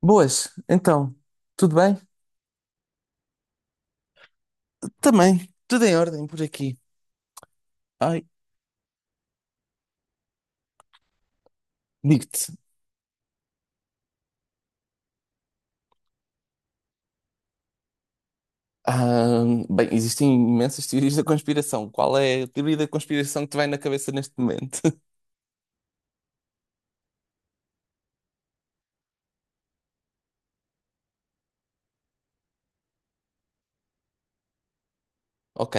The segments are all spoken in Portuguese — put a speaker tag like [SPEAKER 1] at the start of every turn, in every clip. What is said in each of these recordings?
[SPEAKER 1] Boas, então, tudo bem? Também, tudo em ordem por aqui. Ai, digo-te. ah, Bem, existem imensas teorias da conspiração. Qual é a teoria da conspiração que te vai na cabeça neste momento? Ok,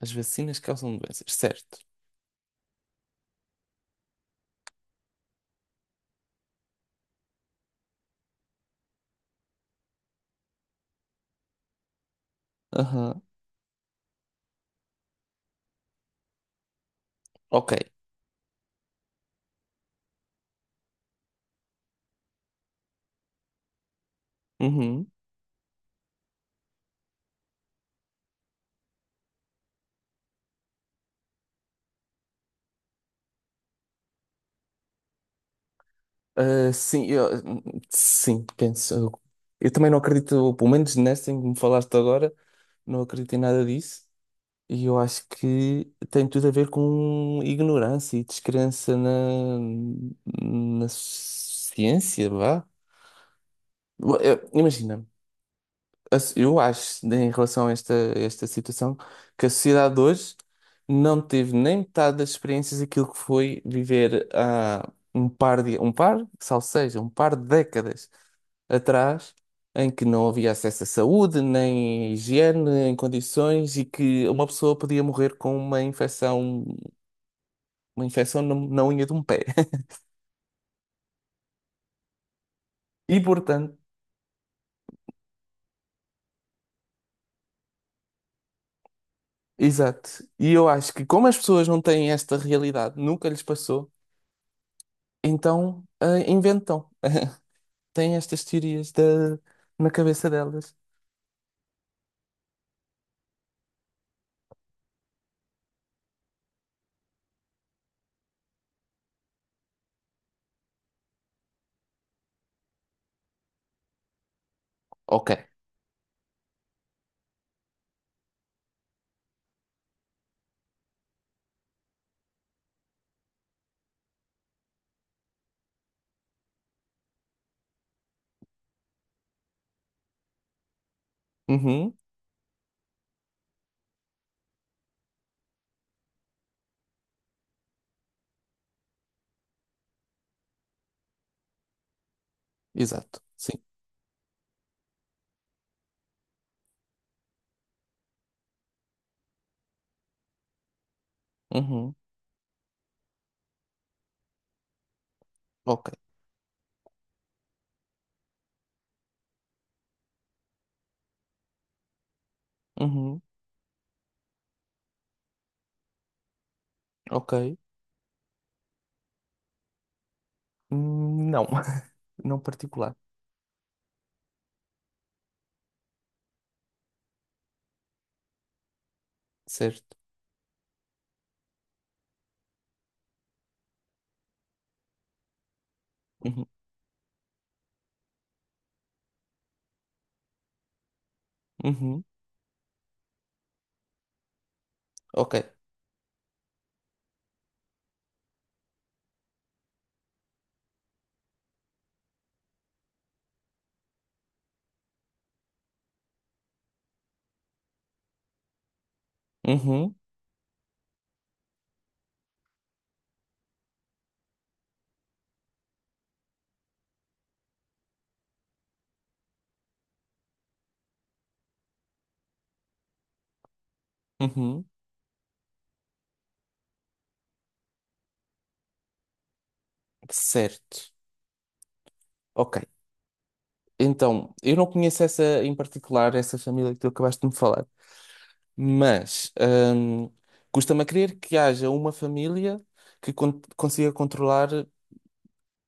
[SPEAKER 1] as vacinas causam doenças, certo. Aham, ok. Uhum. Sim, sim, penso. Eu também não acredito, pelo menos nessa em que me falaste agora, não acredito em nada disso. E eu acho que tem tudo a ver com ignorância e descrença na ciência, vá. Imagina, eu acho, né, em relação a esta situação, que a sociedade de hoje não teve nem metade das experiências daquilo que foi viver há um par, salvo seja, um par de décadas atrás, em que não havia acesso à saúde, nem higiene, em condições, e que uma pessoa podia morrer com uma infecção. Uma infecção na unha de um pé. E portanto, exato. E eu acho que como as pessoas não têm esta realidade, nunca lhes passou, então inventam. Têm estas teorias na cabeça delas. Ok. Uhum. Exato. Sim. Uhum. Ok. Uhum. Ok. Não. Não particular. Certo. Uhum. Uhum. Ok. Uhum. Uhum. Certo. Ok. Então, eu não conheço essa em particular, essa família que tu acabaste de me falar. Mas custa-me a crer que haja uma família que consiga controlar,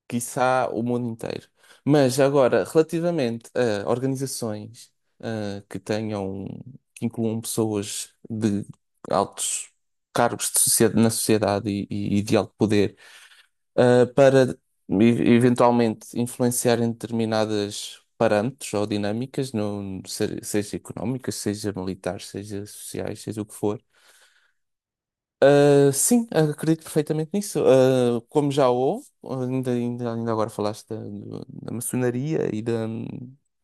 [SPEAKER 1] quiçá, o mundo inteiro. Mas agora, relativamente a organizações que tenham, que incluam pessoas de altos cargos de na sociedade e, e de alto poder, para eventualmente influenciarem determinadas parâmetros ou dinâmicas, no, seja económicas, seja militares, seja sociais, seja o que for. Ah, sim, acredito perfeitamente nisso. Ah, como já houve, ainda agora falaste da, da maçonaria e da.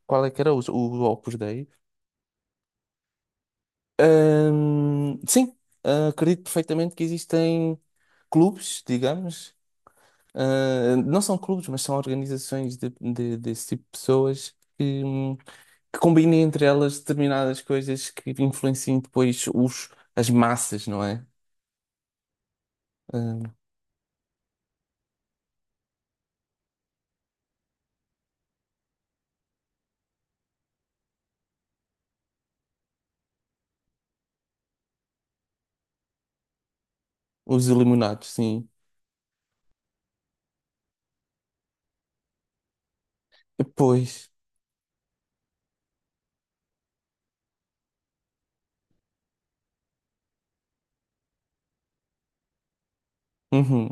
[SPEAKER 1] Qual é que era o Opus Dei? Sim, acredito perfeitamente que existem clubes, digamos. Ah, não são clubes, mas são organizações de, desse tipo de pessoas que combinem entre elas determinadas coisas que influenciem depois os, as massas, não é? Ah, os iluminados, sim. Pois, uhum.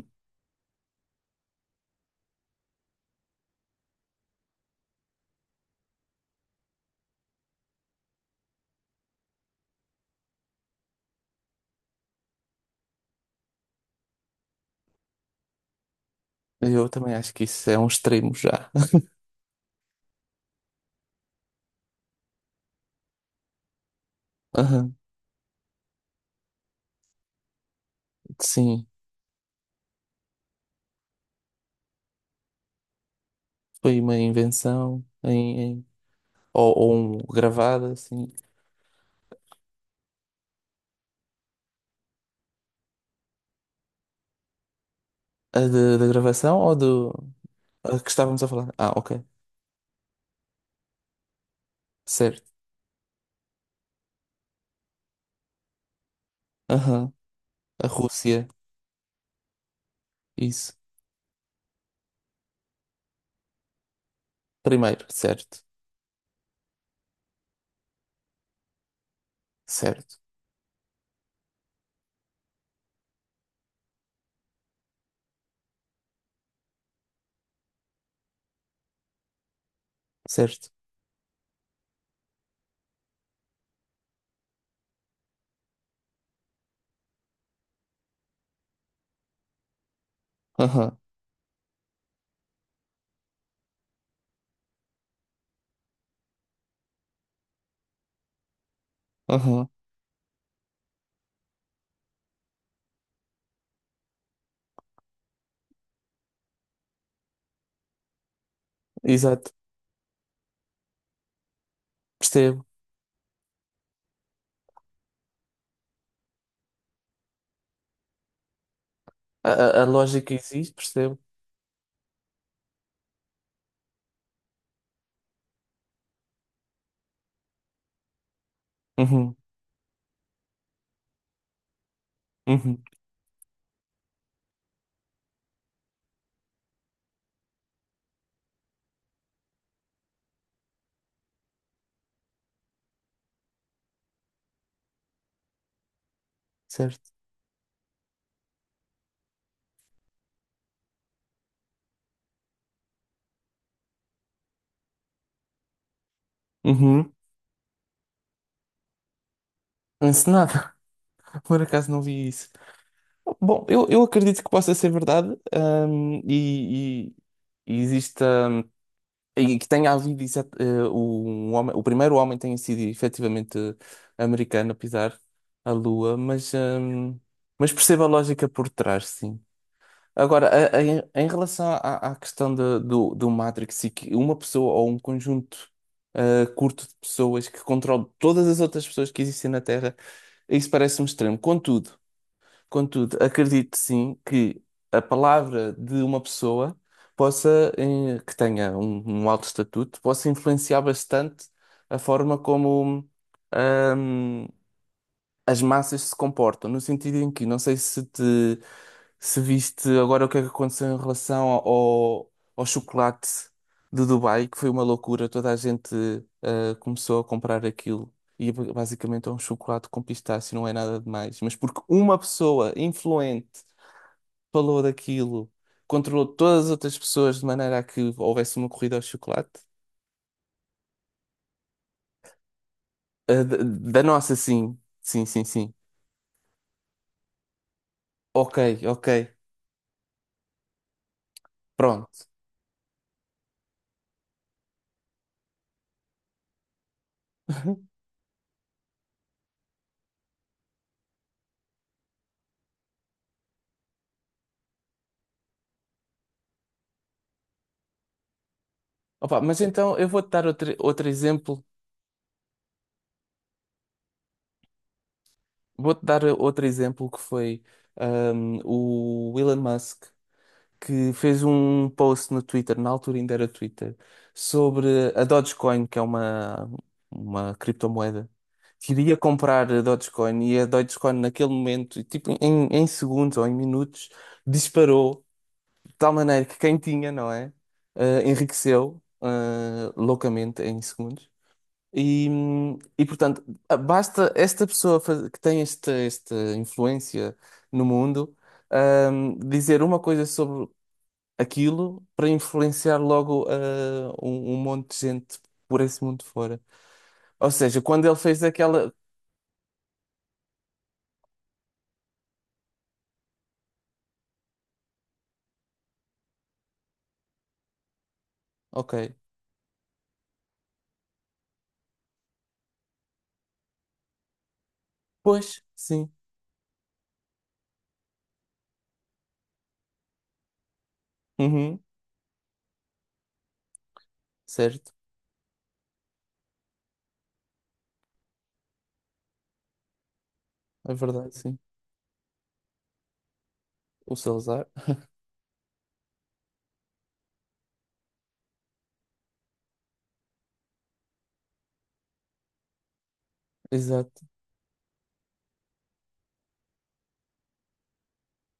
[SPEAKER 1] Eu também acho que isso é um extremo já. Aham, sim, foi uma invenção em. Ou um gravado, assim, da gravação ou do a que estávamos a falar? Ah, ok, certo. Aham, a Rússia, isso. Primeiro, certo, certo. Aham, aham, Exato, percebo. A lógica existe, percebo. Uhum, uhum, certo. Uhum. Encenada, por acaso não vi isso. Bom, eu acredito que possa ser verdade, e, e exista e que tenha havido eh, um homem, o primeiro homem tenha sido efetivamente americano a pisar a Lua, mas percebo a lógica por trás, sim. Agora, em em relação à, à questão do, do Matrix e que uma pessoa ou um conjunto eh, curto de pessoas que controla todas as outras pessoas que existem na Terra, isso parece-me extremo. Contudo. Contudo, acredito sim que a palavra de uma pessoa possa, eh, que tenha um, um alto estatuto, possa influenciar bastante a forma como, hum, as massas se comportam, no sentido em que, não sei se te se viste agora o que é que aconteceu em relação ao, ao chocolate de Dubai, que foi uma loucura, toda a gente começou a comprar aquilo. E é basicamente é um chocolate com pistache, não é nada demais. Mas porque uma pessoa influente falou daquilo, controlou todas as outras pessoas de maneira a que houvesse uma corrida ao chocolate. Ah, da da nossa, sim. Sim. Ok, ok. Pronto. Opa, mas então eu vou-te dar outro exemplo. Vou-te dar outro exemplo que foi o Elon Musk, que fez um post no Twitter, na altura ainda era Twitter, sobre a Dogecoin, que é uma criptomoeda. Queria comprar a Dogecoin e a Dogecoin naquele momento, tipo em segundos ou em minutos, disparou de tal maneira que quem tinha, não é? Ah, enriqueceu loucamente em segundos. E portanto, basta esta pessoa que tem esta influência no mundo, dizer uma coisa sobre aquilo para influenciar logo um, um monte de gente por esse mundo fora. Ou seja, quando ele fez aquela. Ok. Pois, sim. Uhum, certo. É verdade, sim. O Salazar. Exato.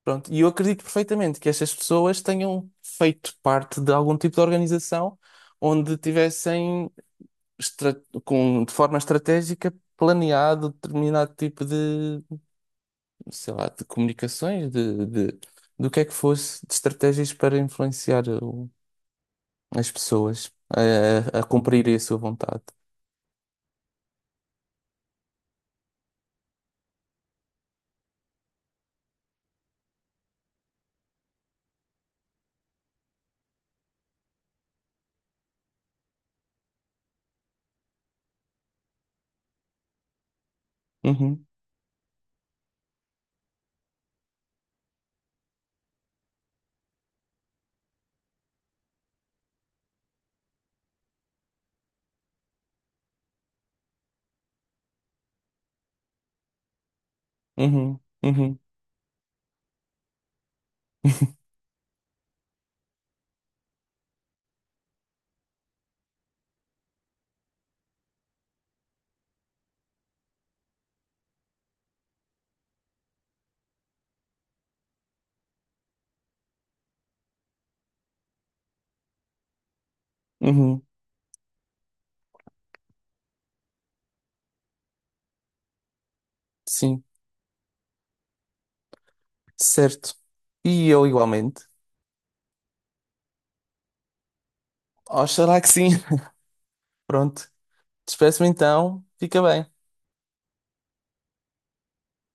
[SPEAKER 1] Pronto. E eu acredito perfeitamente que estas pessoas tenham feito parte de algum tipo de organização onde tivessem com, de forma estratégica, planeado determinado tipo de, sei lá, de comunicações, do que é que fosse, de estratégias para influenciar as pessoas a cumprirem a sua vontade. Uhum, uhum, uhum, uhum, sim, certo. E eu igualmente. Oxalá que sim. Pronto, despeço-me então, fica bem.